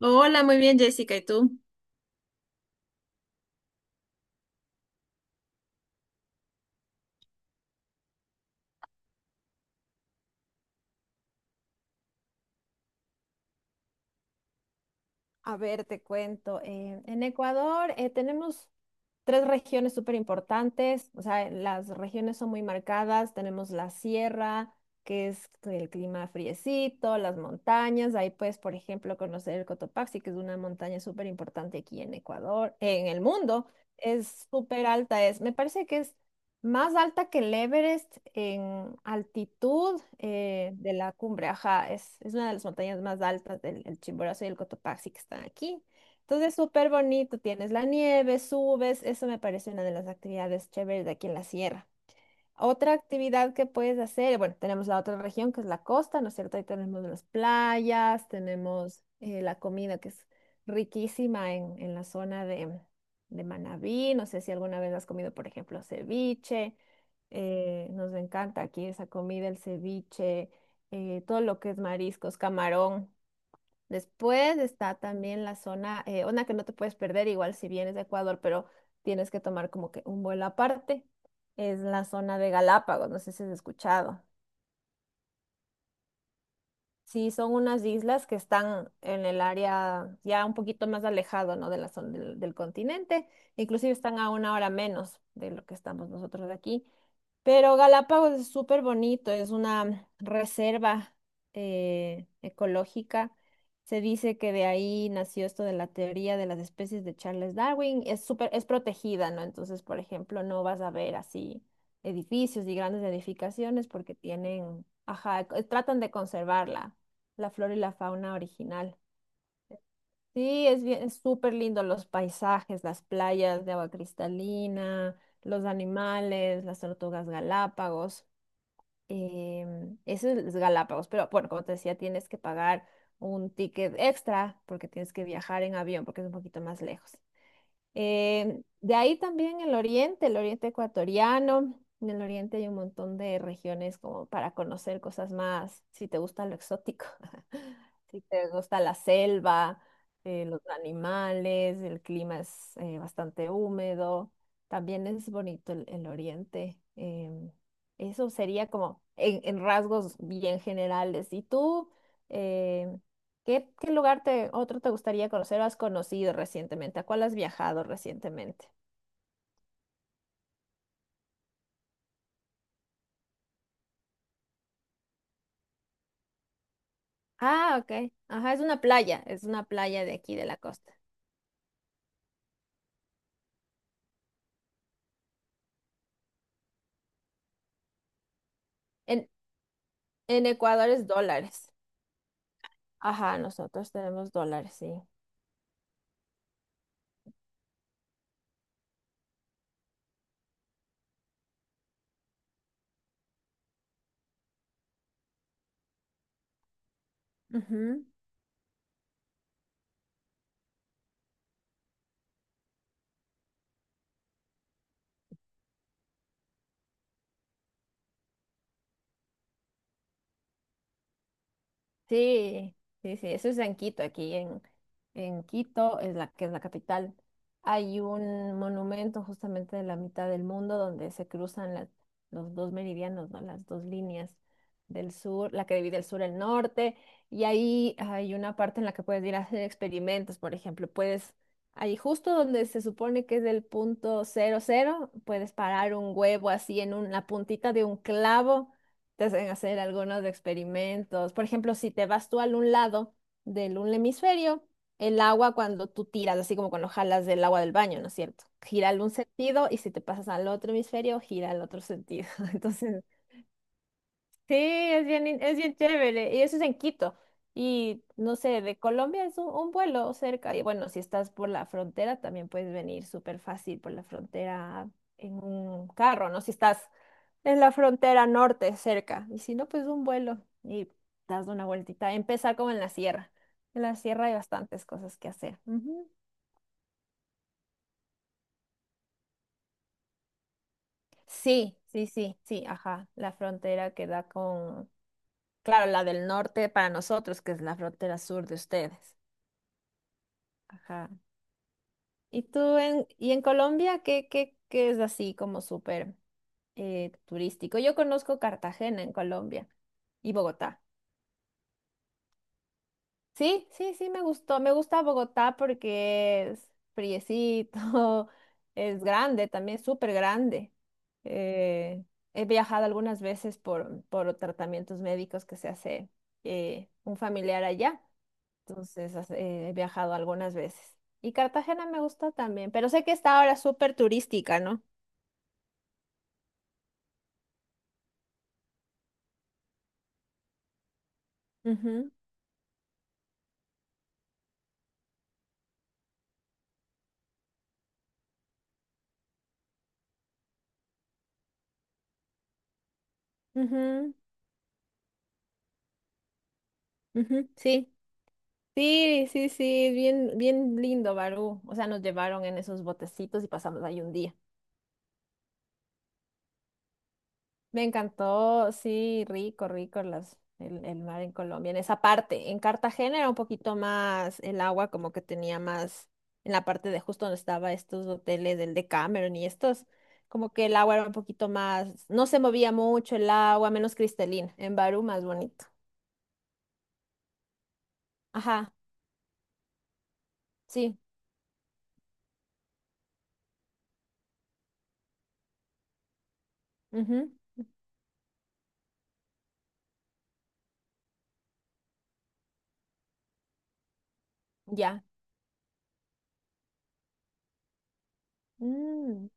Hola, muy bien, Jessica, ¿y tú? A ver, te cuento. En Ecuador tenemos tres regiones súper importantes, o sea, las regiones son muy marcadas, tenemos la sierra, que es el clima friecito, las montañas, ahí puedes, por ejemplo, conocer el Cotopaxi, que es una montaña súper importante aquí en Ecuador, en el mundo, es súper alta, es, me parece que es más alta que el Everest en altitud de la cumbre, ajá, es una de las montañas más altas del el Chimborazo y el Cotopaxi que están aquí. Entonces, súper bonito, tienes la nieve, subes, eso me parece una de las actividades chéveres de aquí en la sierra. Otra actividad que puedes hacer, bueno, tenemos la otra región que es la costa, ¿no es cierto? Ahí tenemos las playas, tenemos la comida que es riquísima en la zona de Manabí, no sé si alguna vez has comido, por ejemplo, ceviche, nos encanta aquí esa comida, el ceviche, todo lo que es mariscos, camarón. Después está también la zona, una que no te puedes perder, igual si vienes de Ecuador, pero tienes que tomar como que un vuelo aparte, es la zona de Galápagos, no sé si has escuchado. Sí, son unas islas que están en el área ya un poquito más alejado, ¿no? de la zona del continente. Inclusive están a una hora menos de lo que estamos nosotros de aquí. Pero Galápagos es súper bonito, es una reserva ecológica. Se dice que de ahí nació esto de la teoría de las especies de Charles Darwin. Es súper, es protegida, ¿no? Entonces, por ejemplo, no vas a ver así edificios y grandes edificaciones porque tienen, ajá, tratan de conservarla. La flora y la fauna original. Sí, es bien, es súper lindo los paisajes, las playas de agua cristalina, los animales, las tortugas Galápagos. Eso es Galápagos, pero bueno, como te decía, tienes que pagar un ticket extra porque tienes que viajar en avión porque es un poquito más lejos. De ahí también el oriente ecuatoriano. En el oriente hay un montón de regiones como para conocer cosas más, si te gusta lo exótico, si te gusta la selva, los animales, el clima es bastante húmedo. También es bonito el oriente. Eso sería como en rasgos bien generales. ¿Y tú? Em, qué lugar te, otro te gustaría conocer o has conocido recientemente? ¿A cuál has viajado recientemente? Ah, ok. Ajá, es una playa de aquí de la costa. En, en Ecuador es dólares. Ajá, nosotros tenemos dólares, sí. Ujú. Sí, sí, sí, eso es en Quito, en Quito, es la, que es la capital. Hay un monumento justamente de la mitad del mundo donde se cruzan los dos meridianos, ¿no? Las dos líneas del sur, la que divide el sur y el norte, y ahí hay una parte en la que puedes ir a hacer experimentos, por ejemplo, puedes, ahí justo donde se supone que es el punto cero cero, puedes parar un huevo así en la puntita de un clavo te hacen hacer algunos experimentos. Por ejemplo, si te vas tú al un lado del un hemisferio, el agua cuando tú tiras, así como cuando jalas del agua del baño, ¿no es cierto? Gira al un sentido y si te pasas al otro hemisferio, gira al otro sentido. Entonces, sí, es bien, es bien chévere. Y eso es en Quito. Y no sé, de Colombia es un vuelo cerca. Y bueno, si estás por la frontera, también puedes venir súper fácil por la frontera en un carro, ¿no? Si estás en la frontera norte, cerca. Y si no, pues un vuelo y das una vueltita. Empezar como en la sierra. En la sierra hay bastantes cosas que hacer. Ujú. Sí, sí, sí, sí, ajá. La frontera que da con, claro, la del norte para nosotros, que es la frontera sur de ustedes. Ajá. ¿Y tú en, y en Colombia qué, qué, qué es así como súper turístico? Yo conozco Cartagena en Colombia y Bogotá. Sí, sí, sí, me gustó. Me gusta Bogotá porque es friecito, es grande, también súper grande. Eh, He viajado algunas veces por tratamientos médicos que se hace un familiar allá. Entonces, he viajado algunas veces. Y Cartagena me gustó también, pero sé que está ahora súper turística, ¿no? Ujú, ujú, ujú, sí, sí, sí, sí, bien, bien lindo, Barú. O sea, nos llevaron en esos botecitos y pasamos ahí un día. Me encantó, sí, rico, rico las, el mar en Colombia, en esa parte. En Cartagena era un poquito más el agua, como que tenía más en la parte de justo donde estaba estos hoteles del Decameron y estos, como que el agua era un poquito más, no se movía mucho el agua, menos cristalina. En Barú más bonito. Ajá, sí, ujú, ya. Mm,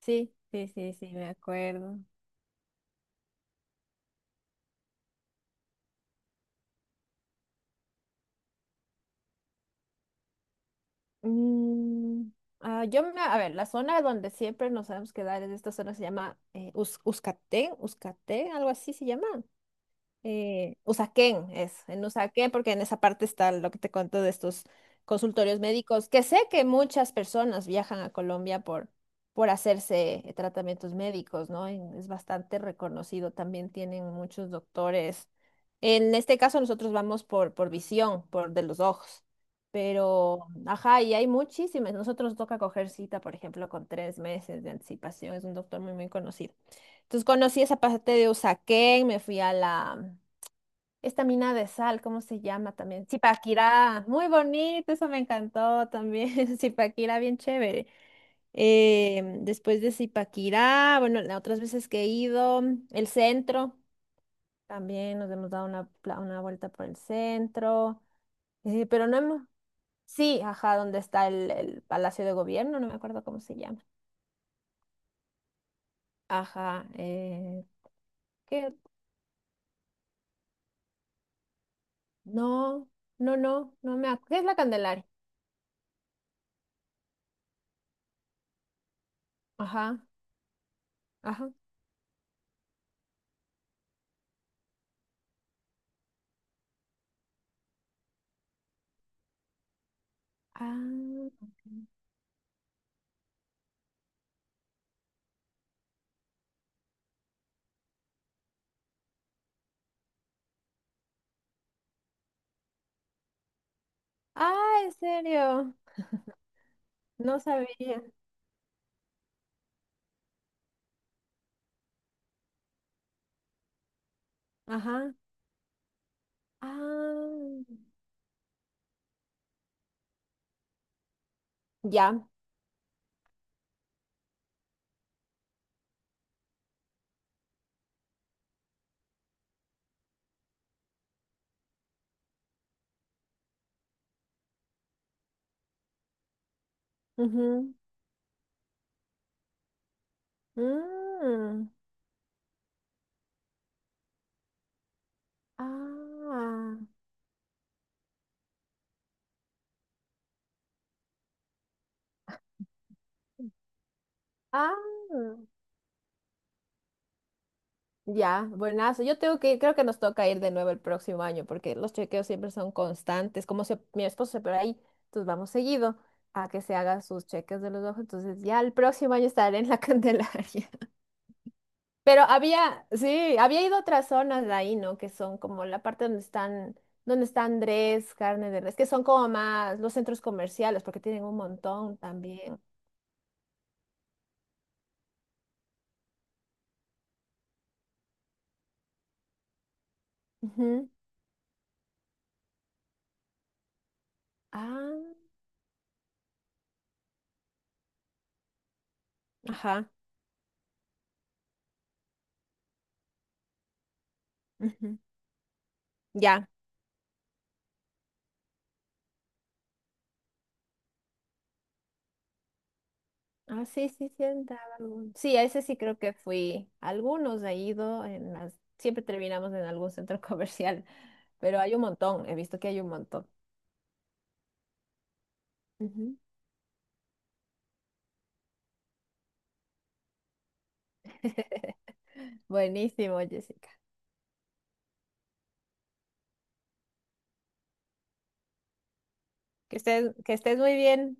sí, sí, sí, sí, me acuerdo. Mm, ah, yo, a ver, la zona donde siempre nos sabemos quedar es esta zona se llama Uzcatén, Uzcatén, algo así se llama Usaquén en Usaquén, porque en esa parte está lo que te cuento de estos consultorios médicos, que sé que muchas personas viajan a Colombia por hacerse tratamientos médicos, ¿no? Es bastante reconocido, también tienen muchos doctores. En este caso nosotros vamos por visión, por de los ojos, pero, ajá, y hay muchísimas. Nosotros nos toca coger cita, por ejemplo, con 3 meses de anticipación, es un doctor muy, muy conocido. Entonces conocí esa parte de Usaquén, me fui a la esta mina de sal, ¿cómo se llama también? Zipaquirá, muy bonito, eso me encantó también. Zipaquirá, bien chévere. Después de Zipaquirá, bueno, las otras veces que he ido, el centro, también nos hemos dado una vuelta por el centro, pero no hemos... Sí, ajá, donde está el Palacio de Gobierno, no me acuerdo cómo se llama. Ajá, ¿qué? No, no, no, no me acuerdo. ¿Qué es la Candelaria? Ajá, ajá. Ah, ok. Ah, ¿en serio? No sabía. Ajá. Ah, ya. Ujú. Mm. Ah, ah, ya. Buenazo. Yo tengo que, creo que nos toca ir de nuevo el próximo año porque los chequeos siempre son constantes. Mi esposo se opera ahí, entonces vamos seguido a que se haga sus cheques de los ojos. Entonces ya el próximo año estaré en la Candelaria. Pero había, sí, había ido a otras zonas de ahí, ¿no? Que son como la parte donde están, donde está Andrés, carne de res, que son como más los centros comerciales, porque tienen un montón también. Ujú. Ah, ajá. Ujú, ya. Ah, sí, sí, sí, sí, a ese sí creo que fui. Algunos he ido, en las... siempre terminamos en algún centro comercial, pero hay un montón, he visto que hay un montón. Ujú. Buenísimo, Jessica. Que estés muy bien.